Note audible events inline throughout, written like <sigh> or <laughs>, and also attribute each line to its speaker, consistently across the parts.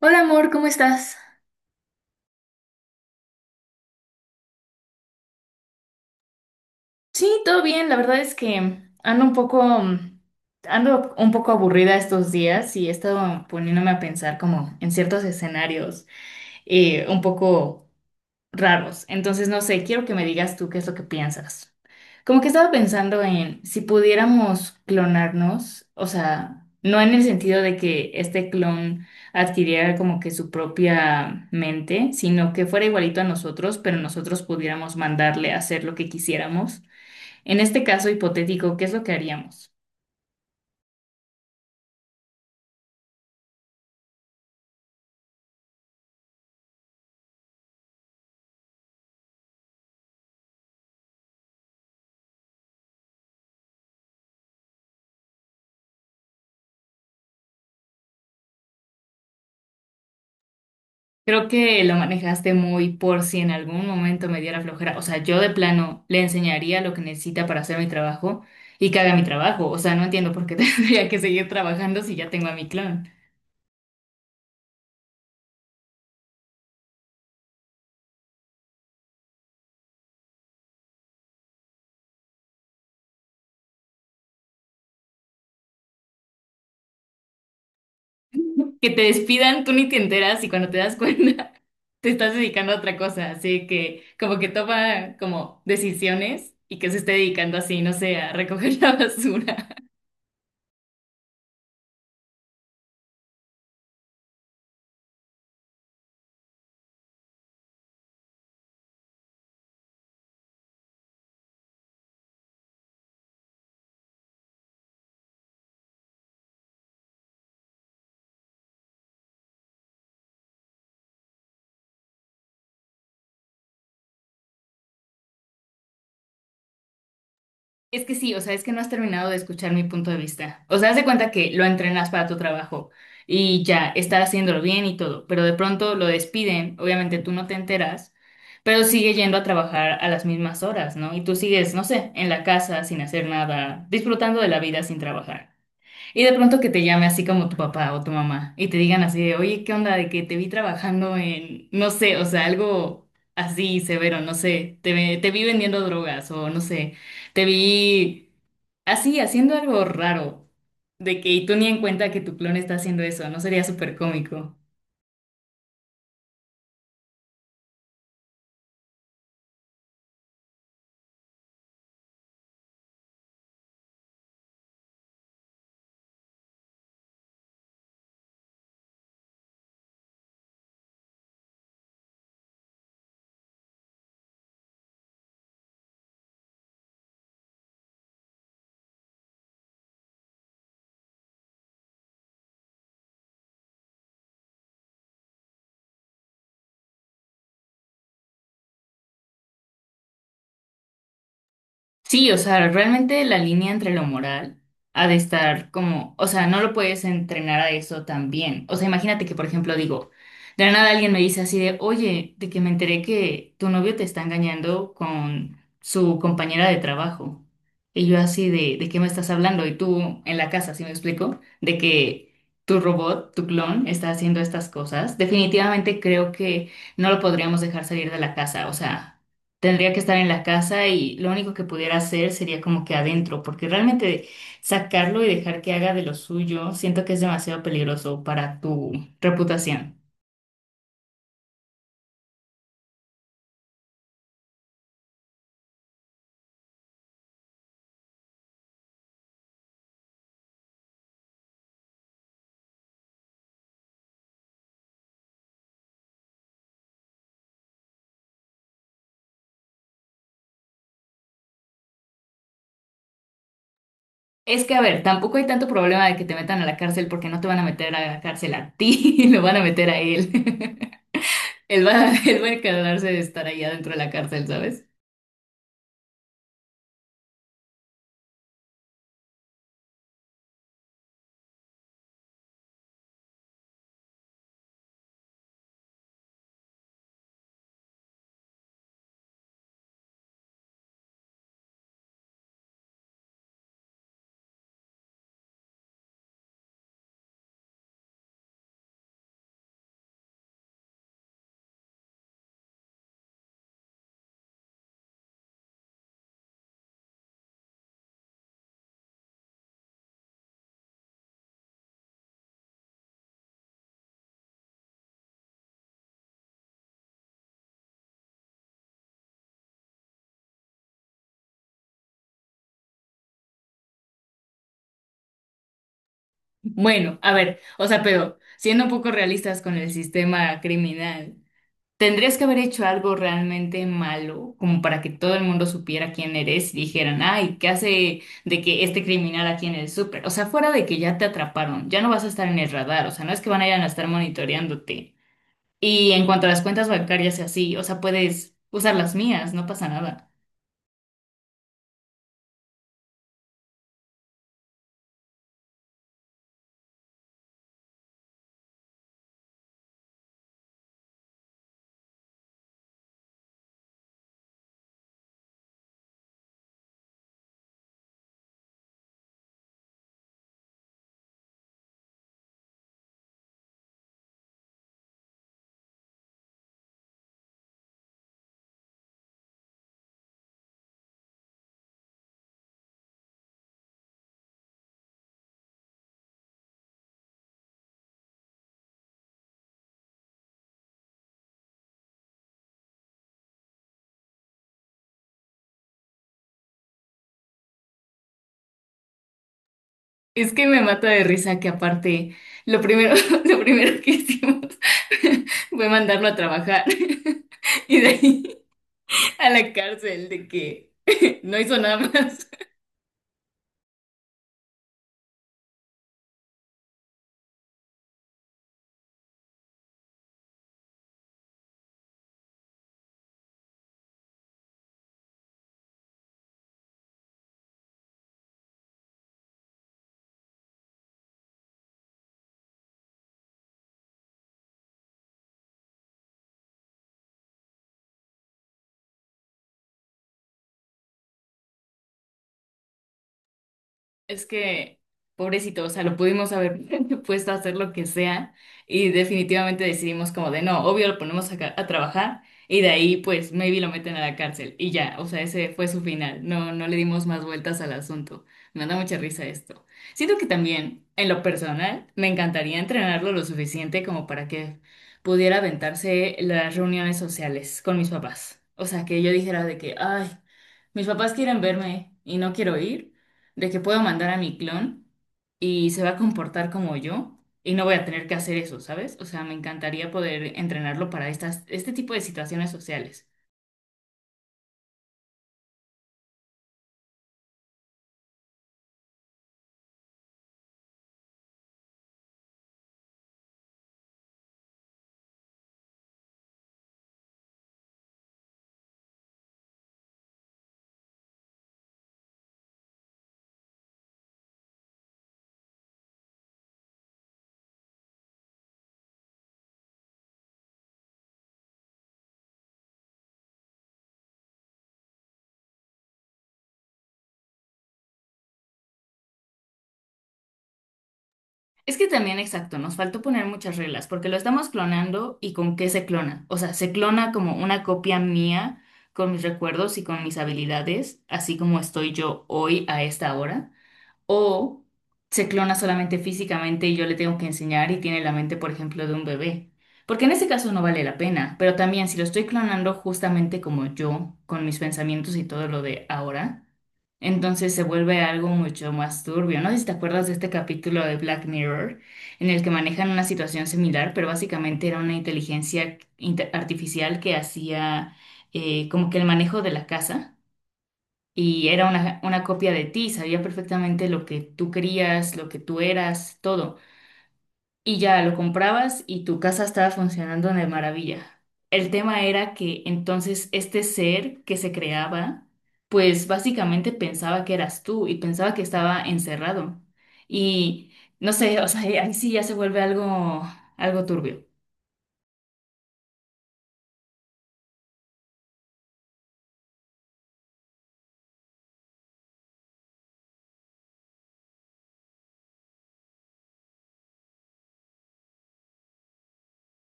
Speaker 1: Hola amor, ¿cómo estás? Sí, todo bien. La verdad es que ando un poco, ando un poco aburrida estos días y he estado poniéndome a pensar como en ciertos escenarios un poco raros. Entonces, no sé, quiero que me digas tú qué es lo que piensas. Como que estaba pensando en si pudiéramos clonarnos, o sea, no en el sentido de que este clon adquiriera como que su propia mente, sino que fuera igualito a nosotros, pero nosotros pudiéramos mandarle a hacer lo que quisiéramos. En este caso hipotético, ¿qué es lo que haríamos? Creo que lo manejaste muy por si en algún momento me diera flojera. O sea, yo de plano le enseñaría lo que necesita para hacer mi trabajo y que haga mi trabajo. O sea, no entiendo por qué <laughs> tendría que seguir trabajando si ya tengo a mi clon. Que te despidan, tú ni te enteras y cuando te das cuenta <laughs> te estás dedicando a otra cosa. Así que como que toma como decisiones y que se esté dedicando así, no sé, a recoger <laughs> la basura. Es que sí, o sea, es que no has terminado de escuchar mi punto de vista. O sea, haz de cuenta que lo entrenas para tu trabajo y ya está haciéndolo bien y todo, pero de pronto lo despiden, obviamente tú no te enteras, pero sigue yendo a trabajar a las mismas horas, ¿no? Y tú sigues, no sé, en la casa sin hacer nada, disfrutando de la vida sin trabajar. Y de pronto que te llame así como tu papá o tu mamá y te digan así de, oye, ¿qué onda? De que te vi trabajando en, no sé, o sea, algo así severo, no sé, te vi vendiendo drogas o no sé, te vi así haciendo algo raro, de que y tú ni en cuenta que tu clon está haciendo eso, ¿no sería súper cómico? Sí, o sea, realmente la línea entre lo moral ha de estar como, o sea, no lo puedes entrenar a eso también. O sea, imagínate que, por ejemplo, digo, de la nada alguien me dice así de, oye, de que me enteré que tu novio te está engañando con su compañera de trabajo. Y yo así ¿de qué me estás hablando? Y tú en la casa, ¿sí me explico? De que tu robot, tu clon, está haciendo estas cosas. Definitivamente creo que no lo podríamos dejar salir de la casa, o sea. Tendría que estar en la casa y lo único que pudiera hacer sería como que adentro, porque realmente sacarlo y dejar que haga de lo suyo, siento que es demasiado peligroso para tu reputación. Es que, a ver, tampoco hay tanto problema de que te metan a la cárcel porque no te van a meter a la cárcel a ti, <laughs> lo van a meter a él. <laughs> Él va a encargarse de estar allá dentro de la cárcel, ¿sabes? Bueno, a ver, o sea, pero siendo un poco realistas con el sistema criminal. Tendrías que haber hecho algo realmente malo, como para que todo el mundo supiera quién eres y dijeran, ay, ¿qué hace de que este criminal aquí en el súper? O sea, fuera de que ya te atraparon, ya no vas a estar en el radar, o sea, no es que van a ir a estar monitoreándote. Y en cuanto a las cuentas bancarias y así, o sea, puedes usar las mías, no pasa nada. Es que me mata de risa que aparte, lo primero, <laughs> lo primero que hicimos <laughs> fue mandarlo a trabajar <laughs> y de ahí a la cárcel de que <laughs> no hizo nada más. Es que, pobrecito, o sea, lo pudimos haber <laughs> puesto a hacer lo que sea y definitivamente decidimos como de no, obvio lo ponemos a, a trabajar y de ahí pues maybe lo meten a la cárcel y ya, o sea, ese fue su final, no, no le dimos más vueltas al asunto. Me da mucha risa esto. Siento que también, en lo personal, me encantaría entrenarlo lo suficiente como para que pudiera aventarse las reuniones sociales con mis papás. O sea, que yo dijera de que, ay, mis papás quieren verme y no quiero ir de que puedo mandar a mi clon y se va a comportar como yo y no voy a tener que hacer eso, ¿sabes? O sea, me encantaría poder entrenarlo para este tipo de situaciones sociales. Es que también, exacto, nos faltó poner muchas reglas, porque lo estamos clonando y con qué se clona. O sea, se clona como una copia mía con mis recuerdos y con mis habilidades, así como estoy yo hoy a esta hora. O se clona solamente físicamente y yo le tengo que enseñar y tiene la mente, por ejemplo, de un bebé. Porque en ese caso no vale la pena, pero también si lo estoy clonando justamente como yo, con mis pensamientos y todo lo de ahora, entonces se vuelve algo mucho más turbio. No sé si te acuerdas de este capítulo de Black Mirror, en el que manejan una situación similar, pero básicamente era una inteligencia artificial que hacía como que el manejo de la casa y era una copia de ti, sabía perfectamente lo que tú querías, lo que tú eras, todo. Y ya lo comprabas y tu casa estaba funcionando de maravilla. El tema era que entonces este ser que se creaba, pues básicamente pensaba que eras tú y pensaba que estaba encerrado. Y no sé, o sea, <laughs> ahí sí ya se vuelve algo turbio.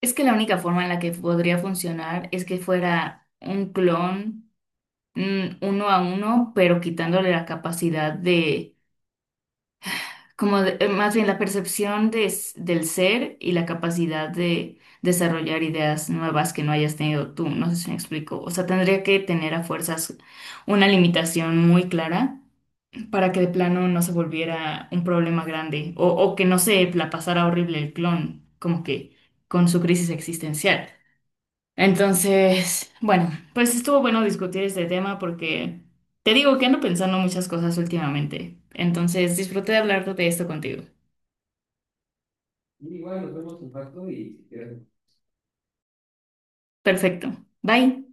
Speaker 1: Es que la única forma en la que podría funcionar es que fuera un clon uno a uno, pero quitándole la capacidad de, más bien la percepción de del ser y la capacidad de desarrollar ideas nuevas que no hayas tenido tú. No sé si me explico. O sea, tendría que tener a fuerzas una limitación muy clara para que de plano no se volviera un problema grande o que no se la pasara horrible el clon, como que con su crisis existencial. Entonces, bueno, pues estuvo bueno discutir este tema porque te digo que ando pensando muchas cosas últimamente. Entonces, disfruté de hablar de esto contigo. Perfecto. Bye.